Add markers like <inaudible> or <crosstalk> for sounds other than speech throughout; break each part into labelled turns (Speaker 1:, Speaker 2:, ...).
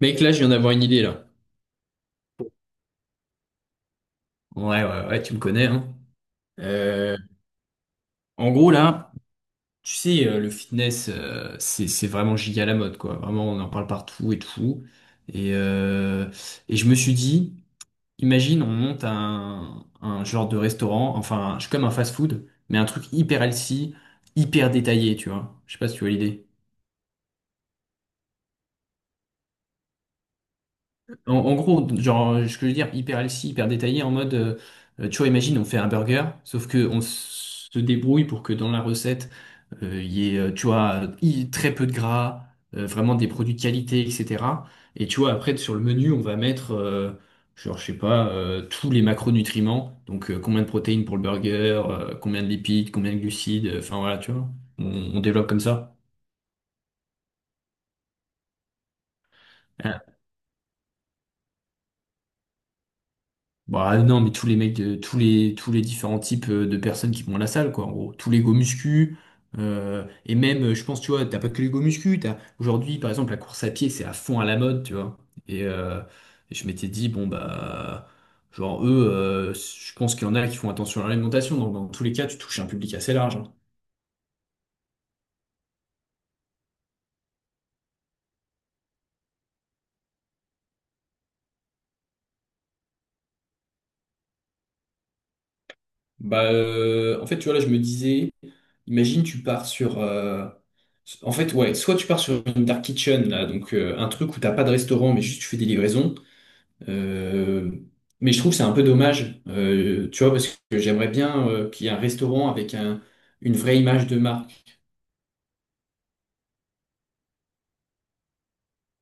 Speaker 1: Mec, là, je viens d'avoir une idée, là. Ouais, ouais, ouais, tu me connais, hein. Euh, En gros, là, tu sais, le fitness, c'est vraiment giga la mode, quoi. Vraiment, on en parle partout et tout. Et, euh, et je me suis dit, imagine, on monte un genre de restaurant, enfin, je suis comme un fast-food, mais un truc hyper healthy, hyper détaillé, tu vois. Je sais pas si tu vois l'idée. En gros, genre, ce que je veux dire, hyper healthy, hyper détaillé, en mode, tu vois, imagine, on fait un burger, sauf que on se débrouille pour que dans la recette, il y ait, tu vois, très peu de gras, vraiment des produits de qualité, etc. Et tu vois, après, sur le menu, on va mettre, genre, je sais pas, tous les macronutriments. Donc, combien de protéines pour le burger, combien de lipides, combien de glucides, enfin voilà, tu vois. On, on développe comme ça. Bah non, mais tous les mecs, tous les différents types de personnes qui vont à la salle, quoi, en gros. Tous les go muscu, et même, je pense, tu vois, t'as pas que les go muscu, t'as, aujourd'hui, par exemple, la course à pied, c'est à fond à la mode, tu vois. Et, euh, et je m'étais dit, bon, bah, genre, eux, je pense qu'il y en a qui font attention à l'alimentation, donc dans tous les cas, tu touches un public assez large, hein. Bah, en fait, tu vois, là, je me disais, imagine, tu pars sur. En fait, ouais, soit tu pars sur une dark kitchen, là, donc un truc où t'as pas de restaurant, mais juste tu fais des livraisons. Euh, mais je trouve que c'est un peu dommage, tu vois, parce que j'aimerais bien qu'il y ait un restaurant avec une vraie image de marque.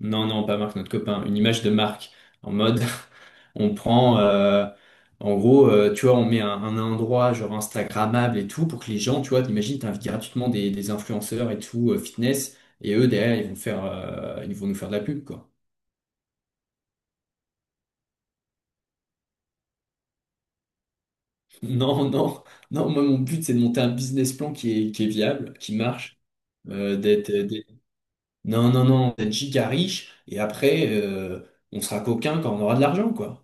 Speaker 1: Non, non, pas Marc, notre copain. Une image de Marc. En mode, <laughs> on prend, en gros, tu vois, on met un endroit genre Instagrammable et tout pour que les gens, tu vois, t'imagines, t'invites gratuitement des influenceurs et tout, fitness, et eux, derrière, ils vont nous faire de la pub, quoi. <laughs> Non, non, non, moi, mon but, c'est de monter un business plan qui est viable, qui marche, euh, d'être, euh, d'être- non, non, non, d'être giga riche, et après, on sera coquin quand on aura de l'argent, quoi.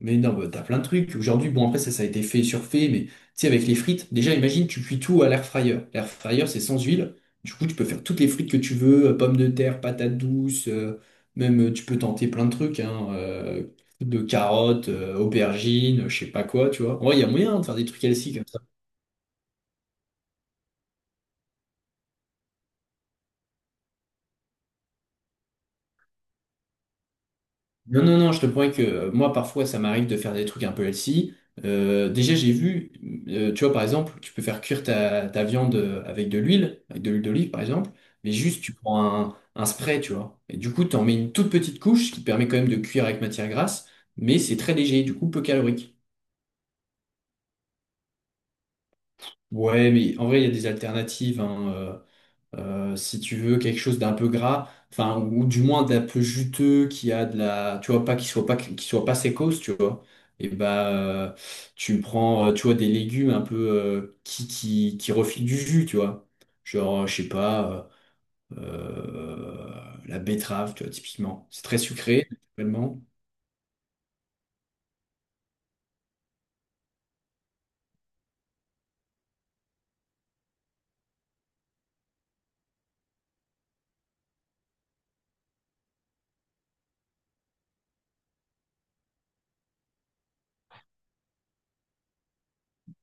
Speaker 1: Mais non, bah, t'as plein de trucs. Aujourd'hui, bon, après, ça a été fait et surfait, mais tu sais, avec les frites, déjà, imagine, tu cuis tout à l'air fryer. L'air fryer, c'est sans huile. Du coup, tu peux faire toutes les frites que tu veux, pommes de terre, patates douces, même tu peux tenter plein de trucs, hein, de carottes, aubergines, je sais pas quoi, tu vois. En vrai, il y a moyen de faire des trucs healthy. Non, non, non, je te promets que moi, parfois, ça m'arrive de faire des trucs un peu healthy. Déjà, j'ai vu, tu vois, par exemple, tu peux faire cuire ta viande avec de l'huile d'olive, par exemple, mais juste, tu prends un spray, tu vois. Et du coup, tu en mets une toute petite couche qui te permet quand même de cuire avec matière grasse, mais c'est très léger, du coup, peu calorique. Ouais, mais en vrai, il y a des alternatives, hein, si tu veux quelque chose d'un peu gras, enfin ou du moins d'un peu juteux, qui a de la, tu vois pas qu'il soit pas sécos, tu vois. Et bah tu prends, tu vois, des légumes un peu qui refilent du jus, tu vois. Genre, je sais pas, euh, euh, la betterave, tu vois, typiquement. C'est très sucré, naturellement.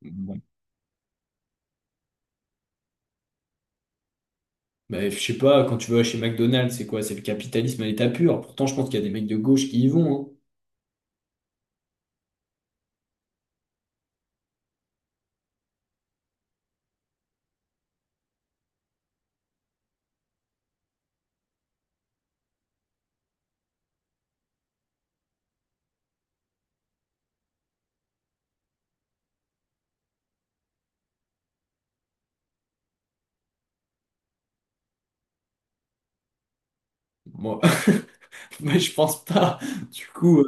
Speaker 1: Bon. Bah, je sais pas, quand tu vas chez McDonald's, c'est quoi? C'est le capitalisme à l'état pur. Pourtant, je pense qu'il y a des mecs de gauche qui y vont, hein. Moi, <laughs> moi, je pense pas. Du coup.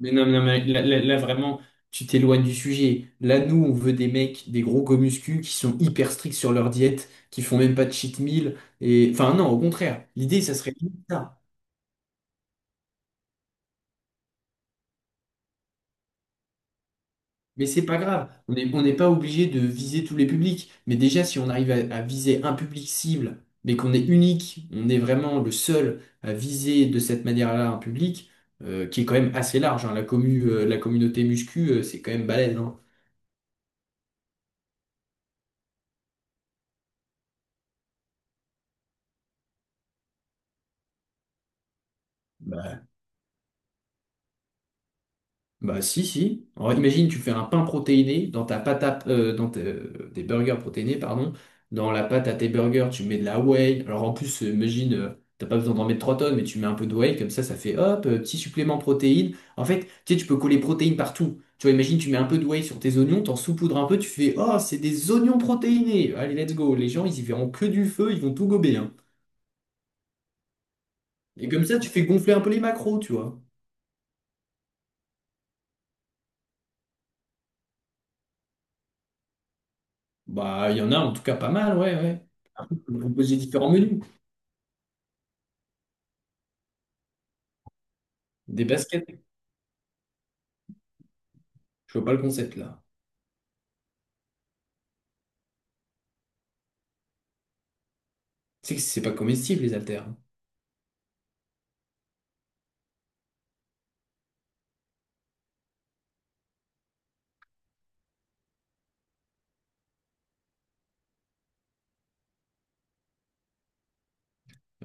Speaker 1: Mais non, mais non, mais là, vraiment, tu t'éloignes du sujet. Là, nous, on veut des mecs, des gros gomuscu qui sont hyper stricts sur leur diète, qui font même pas de cheat meal. Et... Enfin, non, au contraire. L'idée, ça serait limite ça. Mais c'est pas grave. On n'est pas obligé de viser tous les publics. Mais déjà, si on arrive à viser un public cible, mais qu'on est unique, on est vraiment le seul à viser de cette manière-là un public, qui est quand même assez large, hein. La communauté muscu, c'est quand même balèze, hein. Bah si, si. Alors, imagine, tu fais un pain protéiné dans ta pâte à, dans tes, des burgers protéinés, pardon. Dans la pâte à tes burgers, tu mets de la whey. Alors en plus, imagine, t'as pas besoin d'en mettre 3 tonnes, mais tu mets un peu de whey, comme ça fait hop, petit supplément protéine. En fait, tu sais, tu peux coller protéines partout. Tu vois, imagine, tu mets un peu de whey sur tes oignons, t'en saupoudres un peu, tu fais, oh, c'est des oignons protéinés. Allez, let's go. Les gens, ils y verront que du feu, ils vont tout gober, hein. Et comme ça, tu fais gonfler un peu les macros, tu vois. Bah, il y en a en tout cas pas mal, ouais, ouais. Après, tu peux proposer différents menus. Des baskets, je vois pas le concept là. Tu sais que c'est pas comestible, les haltères, hein.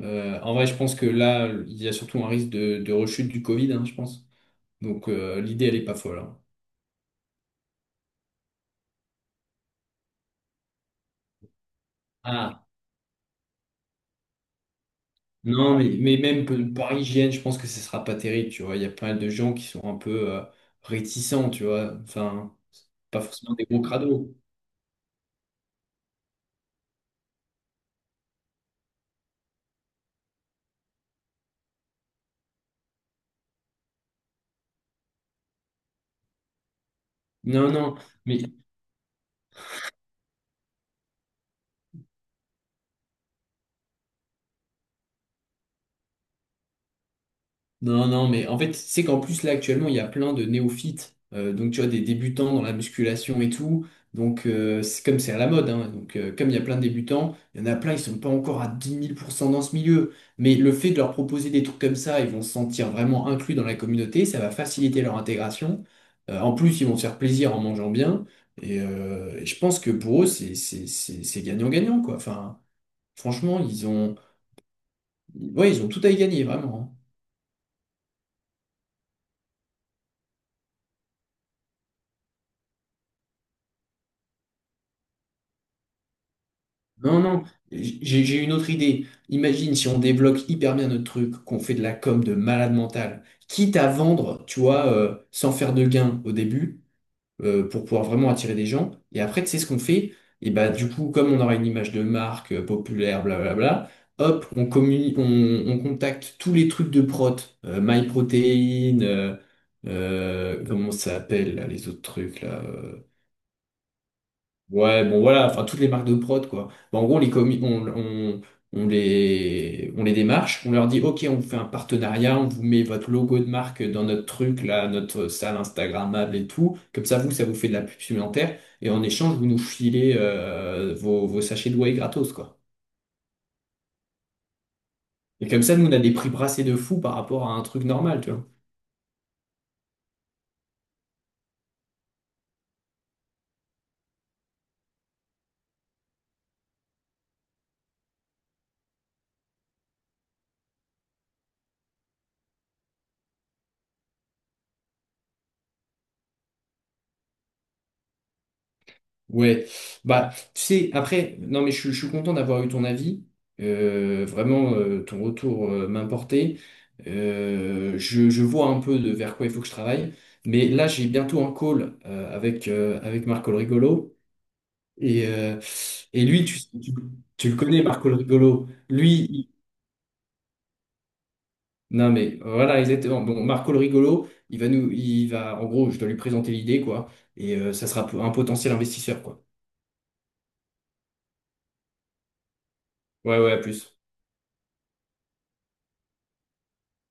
Speaker 1: En vrai, je pense que là, il y a surtout un risque de rechute du Covid, hein, je pense. Donc l'idée, elle est pas folle, hein. Ah, non, mais même par hygiène, je pense que ce sera pas terrible, tu vois. Il y a pas mal de gens qui sont un peu réticents, tu vois. Enfin, pas forcément des gros crados. Non, non, mais non, non, mais en fait, c'est qu'en plus, là, actuellement, il y a plein de néophytes, donc tu vois, des débutants dans la musculation et tout. Donc, c'est comme c'est à la mode, hein, donc comme il y a plein de débutants, il y en a plein, ils sont pas encore à 10 000 pour cent dans ce milieu. Mais le fait de leur proposer des trucs comme ça, ils vont se sentir vraiment inclus dans la communauté, ça va faciliter leur intégration. En plus, ils vont se faire plaisir en mangeant bien. Et je pense que pour eux, c'est gagnant-gagnant, quoi. Enfin, franchement, ils ont, ouais, ils ont tout à y gagner, vraiment, hein. Non, non, j'ai une autre idée. Imagine si on développe hyper bien notre truc, qu'on fait de la com de malade mental, quitte à vendre, tu vois, sans faire de gain au début, pour pouvoir vraiment attirer des gens. Et après, tu sais ce qu'on fait? Et bah, du coup, comme on aura une image de marque populaire, blablabla, hop, on contacte tous les trucs de prot, MyProtein, comment ça s'appelle, là, les autres trucs, là. Ouais, bon voilà, enfin toutes les marques de prod quoi. Bon, en gros, on les démarche, on leur dit ok, on vous fait un partenariat, on vous met votre logo de marque dans notre truc là, notre salle Instagrammable et tout. Comme ça vous fait de la pub supplémentaire et en échange, vous nous filez vos sachets de whey gratos quoi. Et comme ça, nous, on a des prix brassés de fou par rapport à un truc normal, tu vois. Ouais, bah tu sais, après, non mais je suis content d'avoir eu ton avis. Vraiment, ton retour m'importait. Je vois un peu de vers quoi il faut que je travaille. Mais là, j'ai bientôt un call avec Marco le Rigolo. Et, euh, et lui, tu le connais, Marco le Rigolo. Lui, non mais voilà, exactement. Bon, Marco le Rigolo, il va, en gros, je dois lui présenter l'idée, quoi. Et ça sera un potentiel investisseur, quoi. Ouais, ouais, à plus.